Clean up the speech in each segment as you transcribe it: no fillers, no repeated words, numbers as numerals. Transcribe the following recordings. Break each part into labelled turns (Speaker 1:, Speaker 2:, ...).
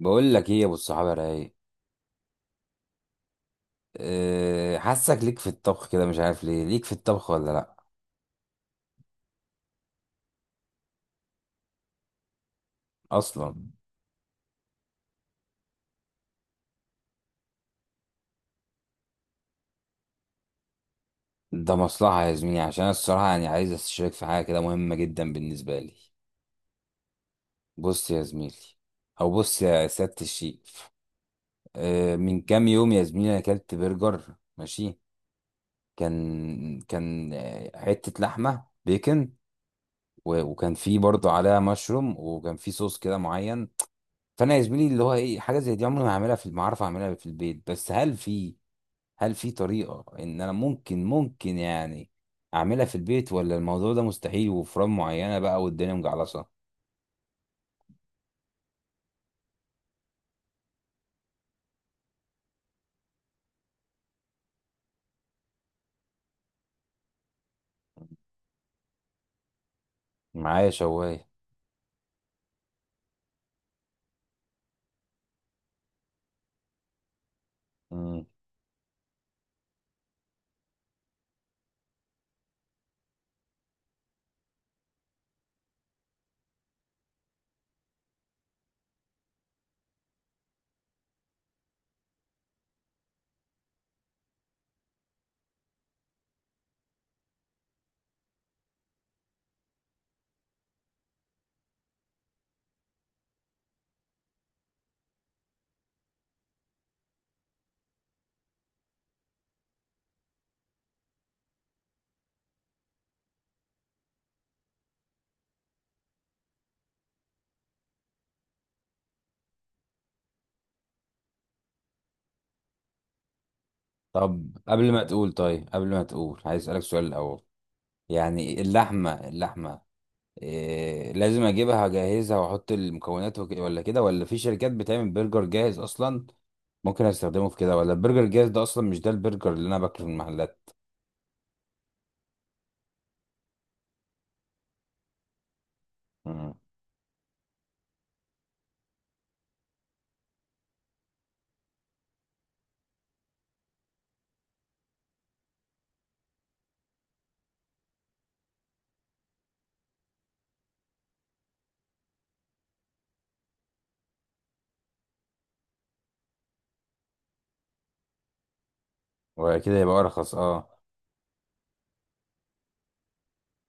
Speaker 1: بقول لك ايه يا ابو الصحابه يا رايق؟ أه، حاسك ليك في الطبخ كده، مش عارف ليه ليك في الطبخ ولا لا؟ اصلا ده مصلحه يا زميلي، عشان أنا الصراحه يعني عايز استشيرك في حاجه كده مهمه جدا بالنسبه لي. بص يا زميلي، او بص يا سياده الشيف، أه من كام يوم يا زميلي انا اكلت برجر. ماشي، كان حته لحمه بيكن، وكان فيه برضه عليها مشروم، وكان فيه صوص كده معين. فانا يا زميلي اللي هو ايه، حاجه زي دي عمري ما هعملها، في ما اعرف اعملها في البيت، بس هل في طريقة ان انا ممكن يعني اعملها في البيت، ولا الموضوع ده مستحيل وفران معينة بقى والدنيا مجعلصة؟ معايا شواية. مم. طب قبل ما تقول، عايز اسألك سؤال الاول، يعني اللحمة إيه، لازم اجيبها اجهزها واحط المكونات ولا كده، ولا في شركات بتعمل برجر جاهز اصلا ممكن استخدمه في كده؟ ولا البرجر الجاهز ده اصلا مش ده البرجر اللي انا باكله في المحلات؟ مم. ولا كده يبقى ارخص، اه.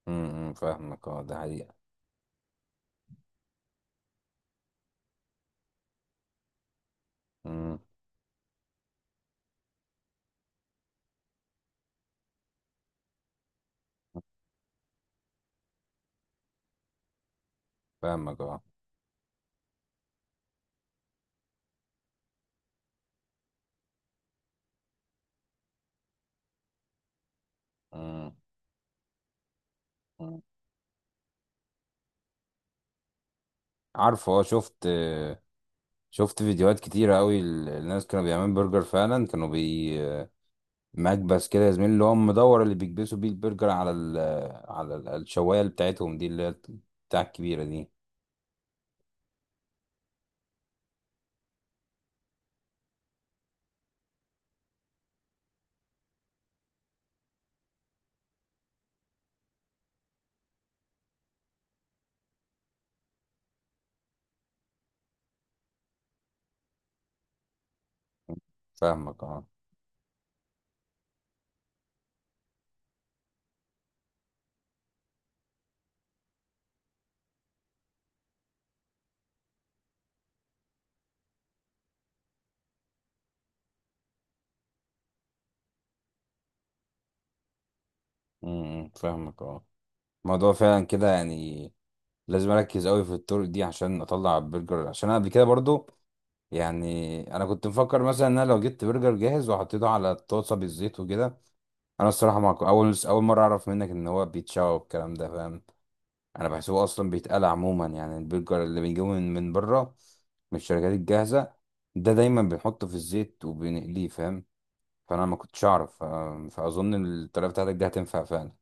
Speaker 1: امم، فاهمك اه، ده حقيقة. مم. فاهمك اه. مم. مم. عارفه اه، شفت، شفت فيديوهات كتيرة قوي، الناس كانوا بيعملوا برجر فعلا، كانوا بي، مكبس كده يا زميلي اللي هو مدور، اللي بيكبسوا بيه البرجر على على الشواية اللي بتاعتهم دي، اللي هي بتاع الكبيرة دي. فاهمك اه. مم. فاهمك اه. الموضوع فعلا كده يعني، لازم اركز قوي في الطرق دي عشان اطلع برجر، عشان انا قبل كده برضو يعني انا كنت مفكر مثلا ان انا لو جبت برجر جاهز وحطيته على الطاسه بالزيت وكده. انا الصراحه ما كو- اول مره اعرف منك ان هو بيتشوى والكلام ده، فاهم؟ انا بحسبه اصلا بيتقلى عموما، يعني البرجر اللي بيجيبه من بره من الشركات الجاهزه ده دايما بنحطه في الزيت وبنقليه، فاهم؟ فانا ما كنتش اعرف. فاظن الطريقه بتاعتك دي هتنفع فعلا.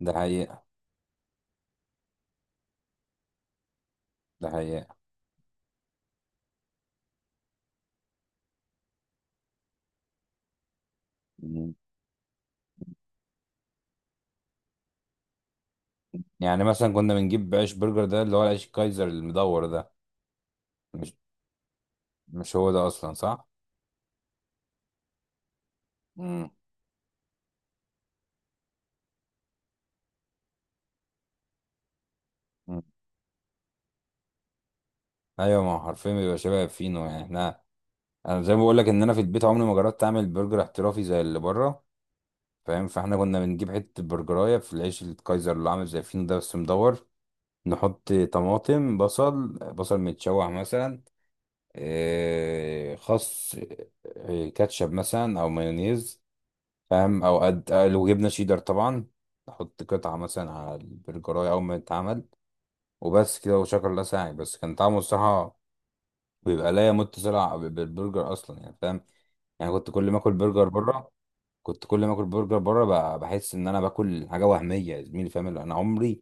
Speaker 1: ده حقيقه. ده حقيقه. يعني مثلا كنا بنجيب عيش برجر، ده اللي هو العيش الكايزر المدور ده. مش مش هو ده اصلا، صح؟ مم. مم. ايوه، ما هو حرفيا بيبقى شبه فينو، يعني احنا، انا زي ما بقول لك ان انا في البيت عمري ما جربت اعمل برجر احترافي زي اللي بره، فاهم؟ فاحنا كنا بنجيب حته برجرايه في العيش الكايزر اللي عامل زي فينو ده، بس مدور. نحط طماطم، بصل، بصل متشوح مثلا، خس، كاتشب مثلا او مايونيز، فاهم؟ او قد لو جبنا شيدر طبعا، نحط قطعة مثلا على البرجراية أول ما يتعمل. وبس كده، وشكر الله ساعي، بس كان طعمه الصراحة بيبقى لا يمت صلة بالبرجر أصلا، يعني فاهم؟ يعني كنت كل ما آكل برجر بره، كنت كل ما آكل برجر بره بحس إن أنا باكل حاجة وهمية يا زميلي، فاهم؟ اللي أنا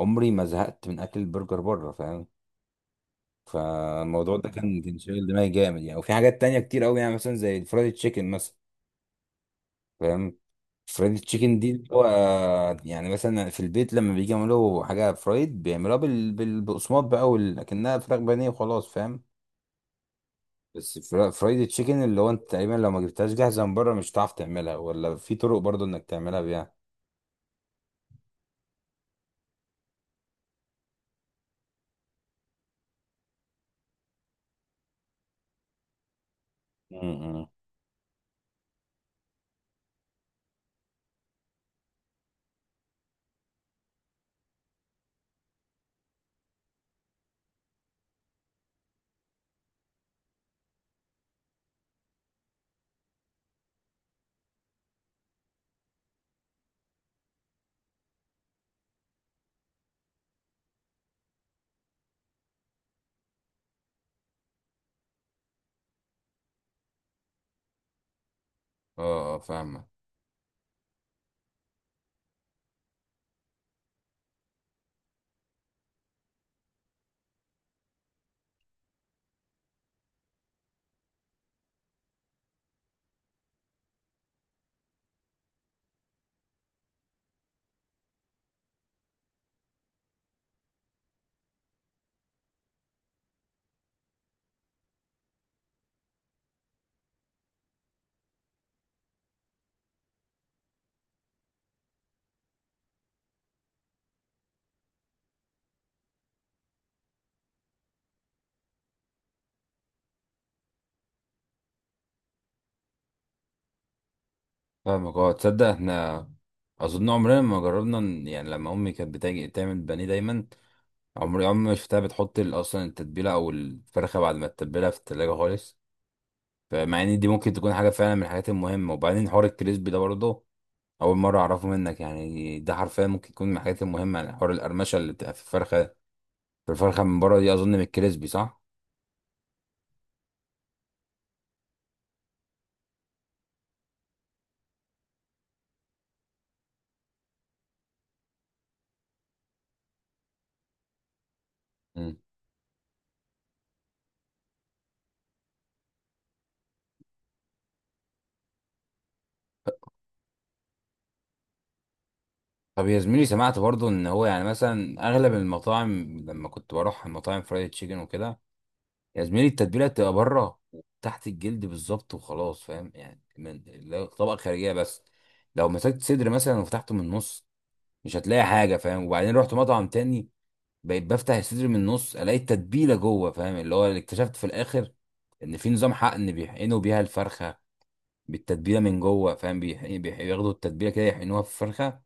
Speaker 1: عمري ما زهقت من أكل البرجر بره، فاهم؟ فالموضوع ده كان شاغل دماغي جامد يعني، وفي حاجات تانية كتير أوي يعني، مثلا زي الفرايد تشيكن مثلا، فاهم؟ فرايد تشيكن دي اللي هو، يعني مثلا في البيت لما بيجي يعملوا حاجه فرايد بيعملوها بالبقسماط بقى، لكنها فراخ بانيه وخلاص، فاهم؟ بس فرايد تشيكن اللي هو انت تقريبا لو ما جبتهاش جاهزه من بره مش هتعرف تعملها، ولا في طرق برضو انك تعملها بيها؟ امم، اه اه فاهمك. فاهمك اه، تصدق احنا اظن عمرنا ما جربنا يعني لما امي كانت بتاجي تعمل بانيه دايما، عمري ما شفتها بتحط اصلا التتبيله او الفرخه بعد ما تتبلها في التلاجة خالص. فمع ان دي ممكن تكون حاجه فعلا من الحاجات المهمه. وبعدين حوار الكريسبي ده برضه، اول مره اعرفه منك، يعني ده حرفيا ممكن يكون من الحاجات المهمه، يعني حوار القرمشه اللي بتبقى في الفرخه في الفرخه من بره دي، اظن من الكريسبي، صح؟ مم. طب يا زميلي، سمعت برضه ان هو يعني مثلا اغلب المطاعم، لما كنت بروح المطاعم فرايد تشيكن وكده، يا زميلي التتبيله بتبقى بره، تحت الجلد بالظبط وخلاص، فاهم؟ يعني من لو طبقه خارجيه بس، لو مسكت صدر مثلا وفتحته من النص مش هتلاقي حاجه، فاهم؟ وبعدين رحت مطعم تاني بقيت بفتح الصدر من النص، الاقي التتبيله جوه، فاهم؟ اللي هو اللي اكتشفت في الاخر ان في نظام حقن بيحقنوا بيها الفرخه بالتتبيله من جوه، فاهم؟ بياخدوا التتبيله كده يحقنوها في الفرخه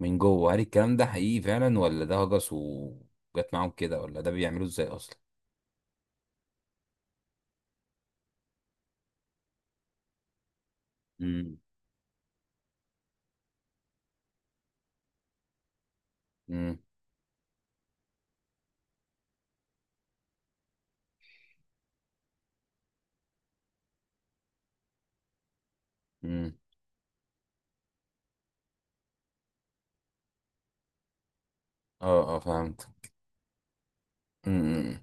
Speaker 1: من جوه. هل الكلام ده حقيقي فعلا، ولا ده هجس وجت معاهم كده، ولا ده بيعملوه ازاي اصلا؟ امم. امم. امم. اه اه فهمت. امم.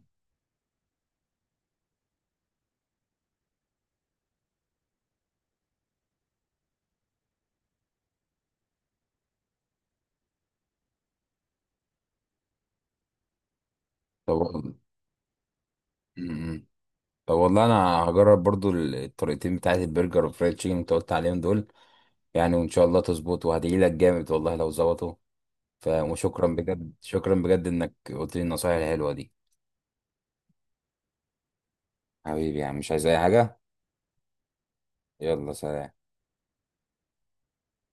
Speaker 1: طب وال- امم، طب والله انا هجرب برضو الطريقتين بتاعت البرجر والفرايد تشيكن اللي انت قلت عليهم دول، يعني وان شاء الله تظبط، وهدعي لك جامد والله لو ظبطوا. وشكرا بجد، شكرا بجد انك قلت لي النصايح الحلوة دي. حبيبي يا عم، مش عايز اي حاجة. يلا سلام.